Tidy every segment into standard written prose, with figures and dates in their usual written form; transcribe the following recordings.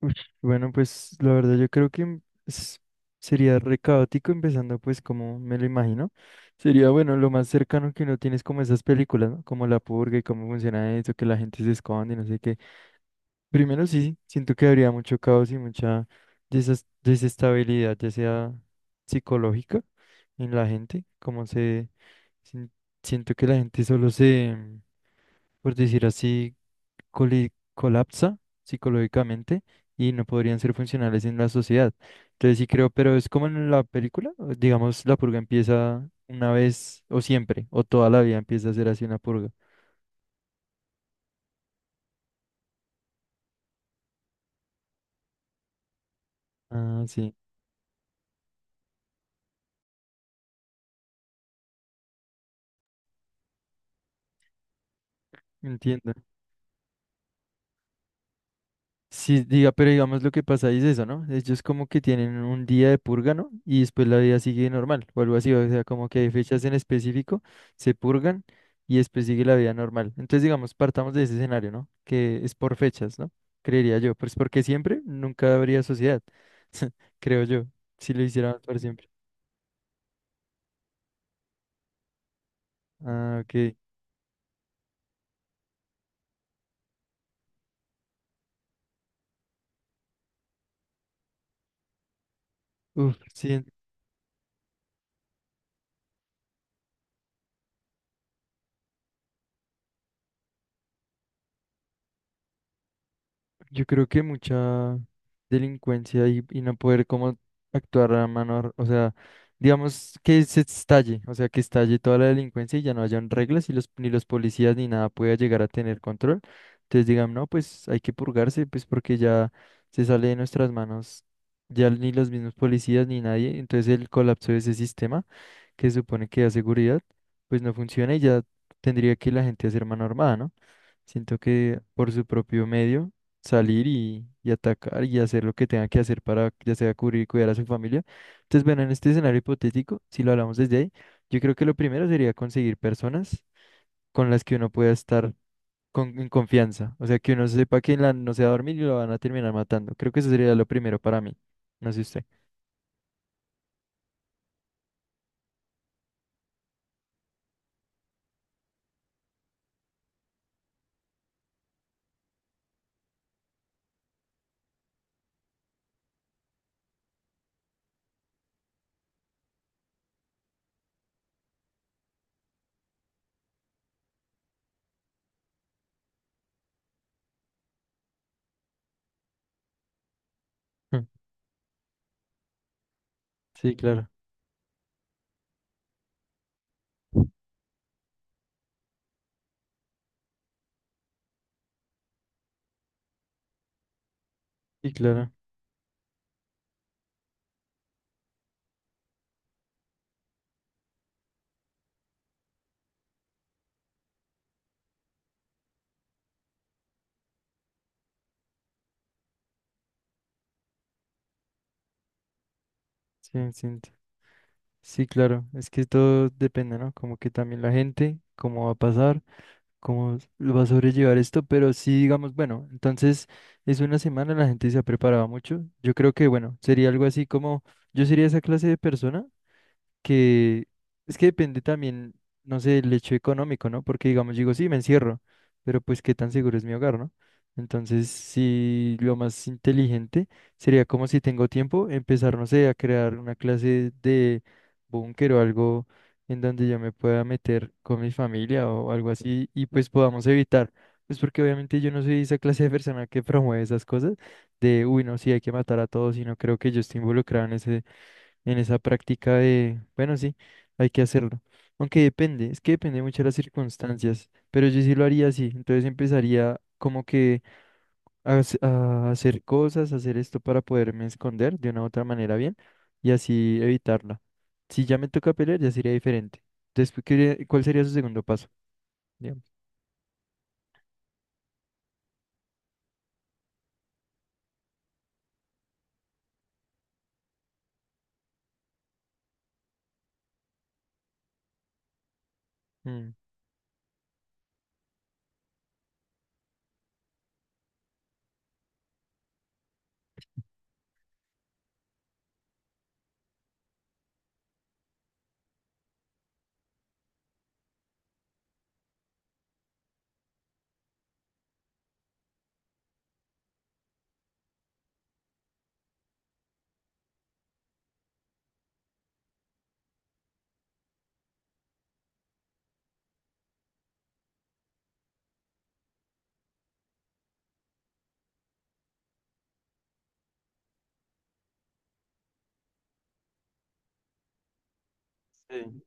Ush, bueno, pues la verdad yo creo que es- sería re caótico empezando pues como me lo imagino. Sería bueno, lo más cercano que uno tiene es como esas películas, ¿no? Como La Purga y cómo funciona eso, que la gente se esconde y no sé qué. Primero sí, sí, siento que habría mucho caos y mucha desestabilidad, ya sea psicológica en la gente, como se... sin- siento que la gente solo se, por decir así, colapsa psicológicamente y no podrían ser funcionales en la sociedad. Entonces sí creo, pero es como en la película, o digamos, la purga empieza una vez o siempre, o toda la vida empieza a ser así una purga. Ah, sí, entiendo. Sí, diga, pero digamos lo que pasa es eso, ¿no? Ellos como que tienen un día de purga, ¿no? Y después la vida sigue normal o algo así, o sea, como que hay fechas en específico, se purgan y después sigue la vida normal. Entonces, digamos, partamos de ese escenario, ¿no? Que es por fechas, ¿no? Creería yo, pues porque siempre nunca habría sociedad, creo yo, si lo hicieran por siempre. Ah, ok. Uf, sí, yo creo que mucha delincuencia y no poder como actuar a mano, o sea, digamos que se estalle, o sea, que estalle toda la delincuencia y ya no hayan reglas y los, ni los policías ni nada pueda llegar a tener control. Entonces digan, no, pues hay que purgarse, pues porque ya se sale de nuestras manos, ya ni los mismos policías ni nadie, entonces el colapso de ese sistema que se supone que da seguridad, pues no funciona y ya tendría que la gente hacer mano armada, ¿no? Siento que por su propio medio salir y atacar y hacer lo que tenga que hacer para ya sea cubrir y cuidar a su familia. Entonces, bueno, en este escenario hipotético, si lo hablamos desde ahí, yo creo que lo primero sería conseguir personas con las que uno pueda estar con, en confianza. O sea, que uno sepa que no se va a dormir y lo van a terminar matando. Creo que eso sería lo primero para mí. No sé usted. Mm. Sí, claro. Sí, claro. Sí, sí, sí, claro, es que todo depende, ¿no? Como que también la gente, cómo va a pasar, cómo lo va a sobrellevar esto, pero sí, digamos, bueno, entonces es una semana, la gente se ha preparado mucho. Yo creo que, bueno, sería algo así como, yo sería esa clase de persona que es que depende también, no sé, el hecho económico, ¿no? Porque digamos, digo, sí, me encierro, pero pues qué tan seguro es mi hogar, ¿no? Entonces, sí, lo más inteligente sería como si tengo tiempo, empezar, no sé, a crear una clase de búnker o algo en donde yo me pueda meter con mi familia o algo así y pues podamos evitar. Pues porque obviamente yo no soy esa clase de persona que promueve esas cosas de, uy, no, sí, hay que matar a todos y no creo que yo esté involucrado en ese en esa práctica de, bueno, sí, hay que hacerlo. Aunque depende, es que depende mucho de las circunstancias, pero yo sí lo haría así, entonces empezaría como que a hacer cosas, hacer esto para poderme esconder de una u otra manera bien y así evitarla. Si ya me toca pelear, ya sería diferente. Después, ¿cuál sería su segundo paso? ¿Digamos? Mm, sí.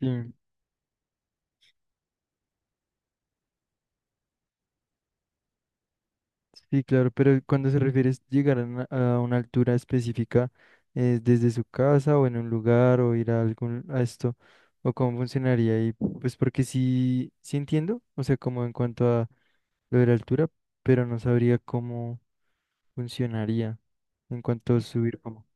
Sí. Sí, claro, pero cuando se refiere a llegar a una altura específica, ¿es desde su casa o en un lugar o ir a algún a esto? ¿O cómo funcionaría? Y pues porque sí, sí entiendo, o sea, como en cuanto a lo de la altura, pero no sabría cómo funcionaría en cuanto a subir como.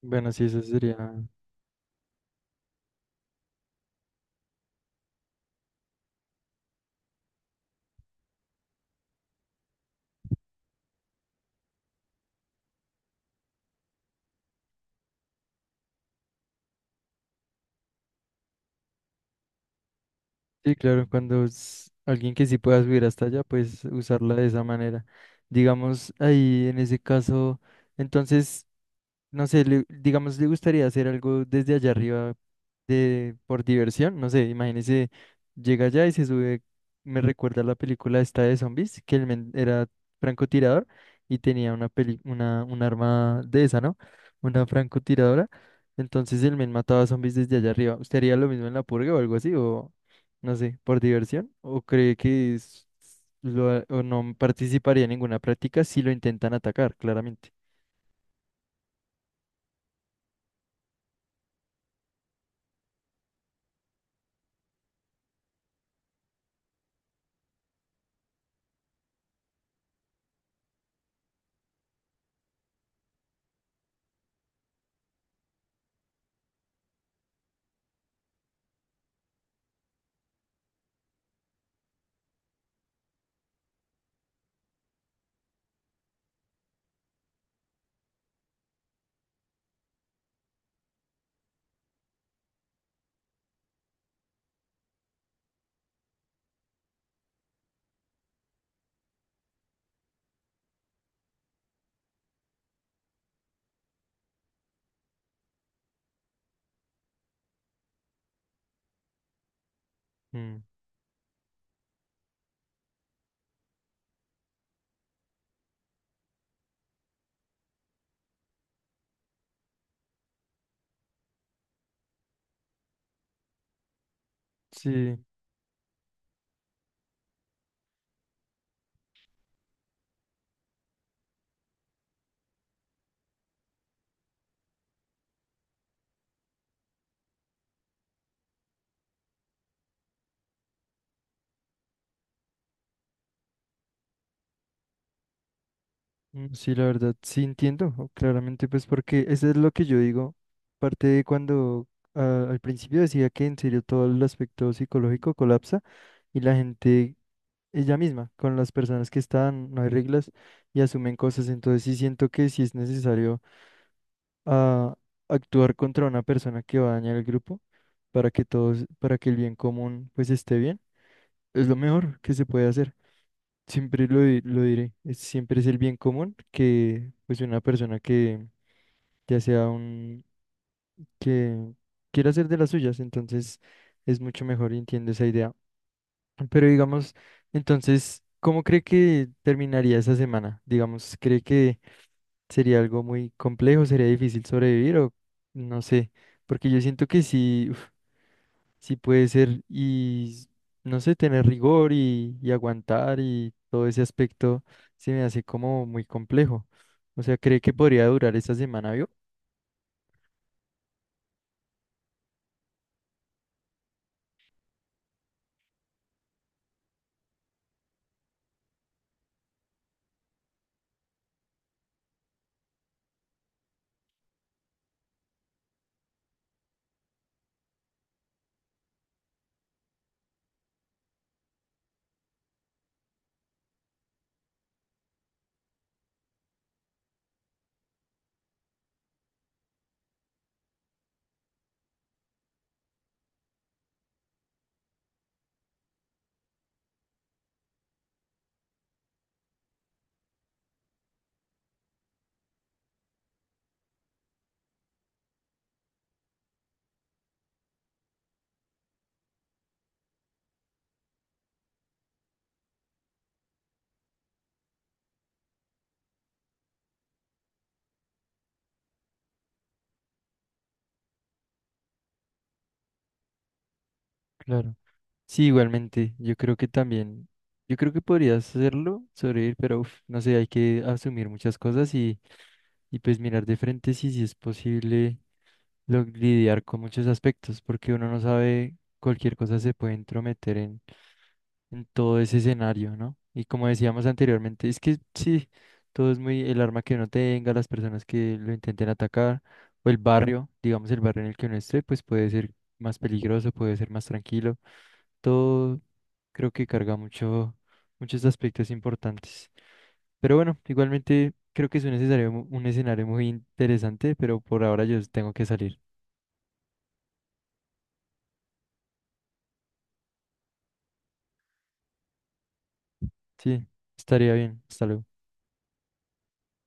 Bueno, sí, eso sería. Sí, claro, cuando es alguien que sí pueda subir hasta allá, pues usarla de esa manera. Digamos, ahí en ese caso, entonces. No sé, digamos, le gustaría hacer algo desde allá arriba de, por diversión. No sé, imagínese, llega allá y se sube. Me recuerda la película esta de zombies, que el men era francotirador y tenía una peli, una, un arma de esa, ¿no? Una francotiradora. Entonces el men mataba zombies desde allá arriba. ¿Usted haría lo mismo en la purga o algo así? O no sé, por diversión. ¿O cree que o no participaría en ninguna práctica si lo intentan atacar, claramente? Mm, sí. Mm, sí, la verdad, sí entiendo, o claramente, pues porque eso es lo que yo digo, parte de cuando al principio decía que en serio todo el aspecto psicológico colapsa y la gente, ella misma, con las personas que están, no hay reglas y asumen cosas, entonces sí siento que sí es necesario ah, actuar contra una persona que va a dañar el grupo para que todos, para que el bien común pues esté bien, es lo mejor que se puede hacer. Siempre lo diré, siempre es el bien común que pues una persona que ya sea un que quiera hacer de las suyas, entonces es mucho mejor y entiendo esa idea. Pero digamos, entonces, ¿cómo cree que terminaría esa semana? Digamos, ¿cree que sería algo muy complejo, sería difícil sobrevivir o no sé? Porque yo siento que sí, sí puede ser y no sé, tener rigor y aguantar y todo ese aspecto se me hace como muy complejo. O sea, ¿cree que podría durar esta semana, vio? Claro. Sí, igualmente, yo creo que también, yo creo que podrías hacerlo, sobrevivir, pero uf, no sé, hay que asumir muchas cosas y pues mirar de frente si, si es posible lidiar con muchos aspectos, porque uno no sabe, cualquier cosa se puede entrometer en todo ese escenario, ¿no? Y como decíamos anteriormente, es que sí, todo es muy el arma que uno tenga, las personas que lo intenten atacar, o el barrio, digamos el barrio en el que uno esté, pues puede ser más peligroso, puede ser más tranquilo. Todo creo que carga mucho, muchos aspectos importantes. Pero bueno, igualmente creo que es un escenario, un escenario muy interesante, pero por ahora yo tengo que salir. Sí, estaría bien. Hasta luego.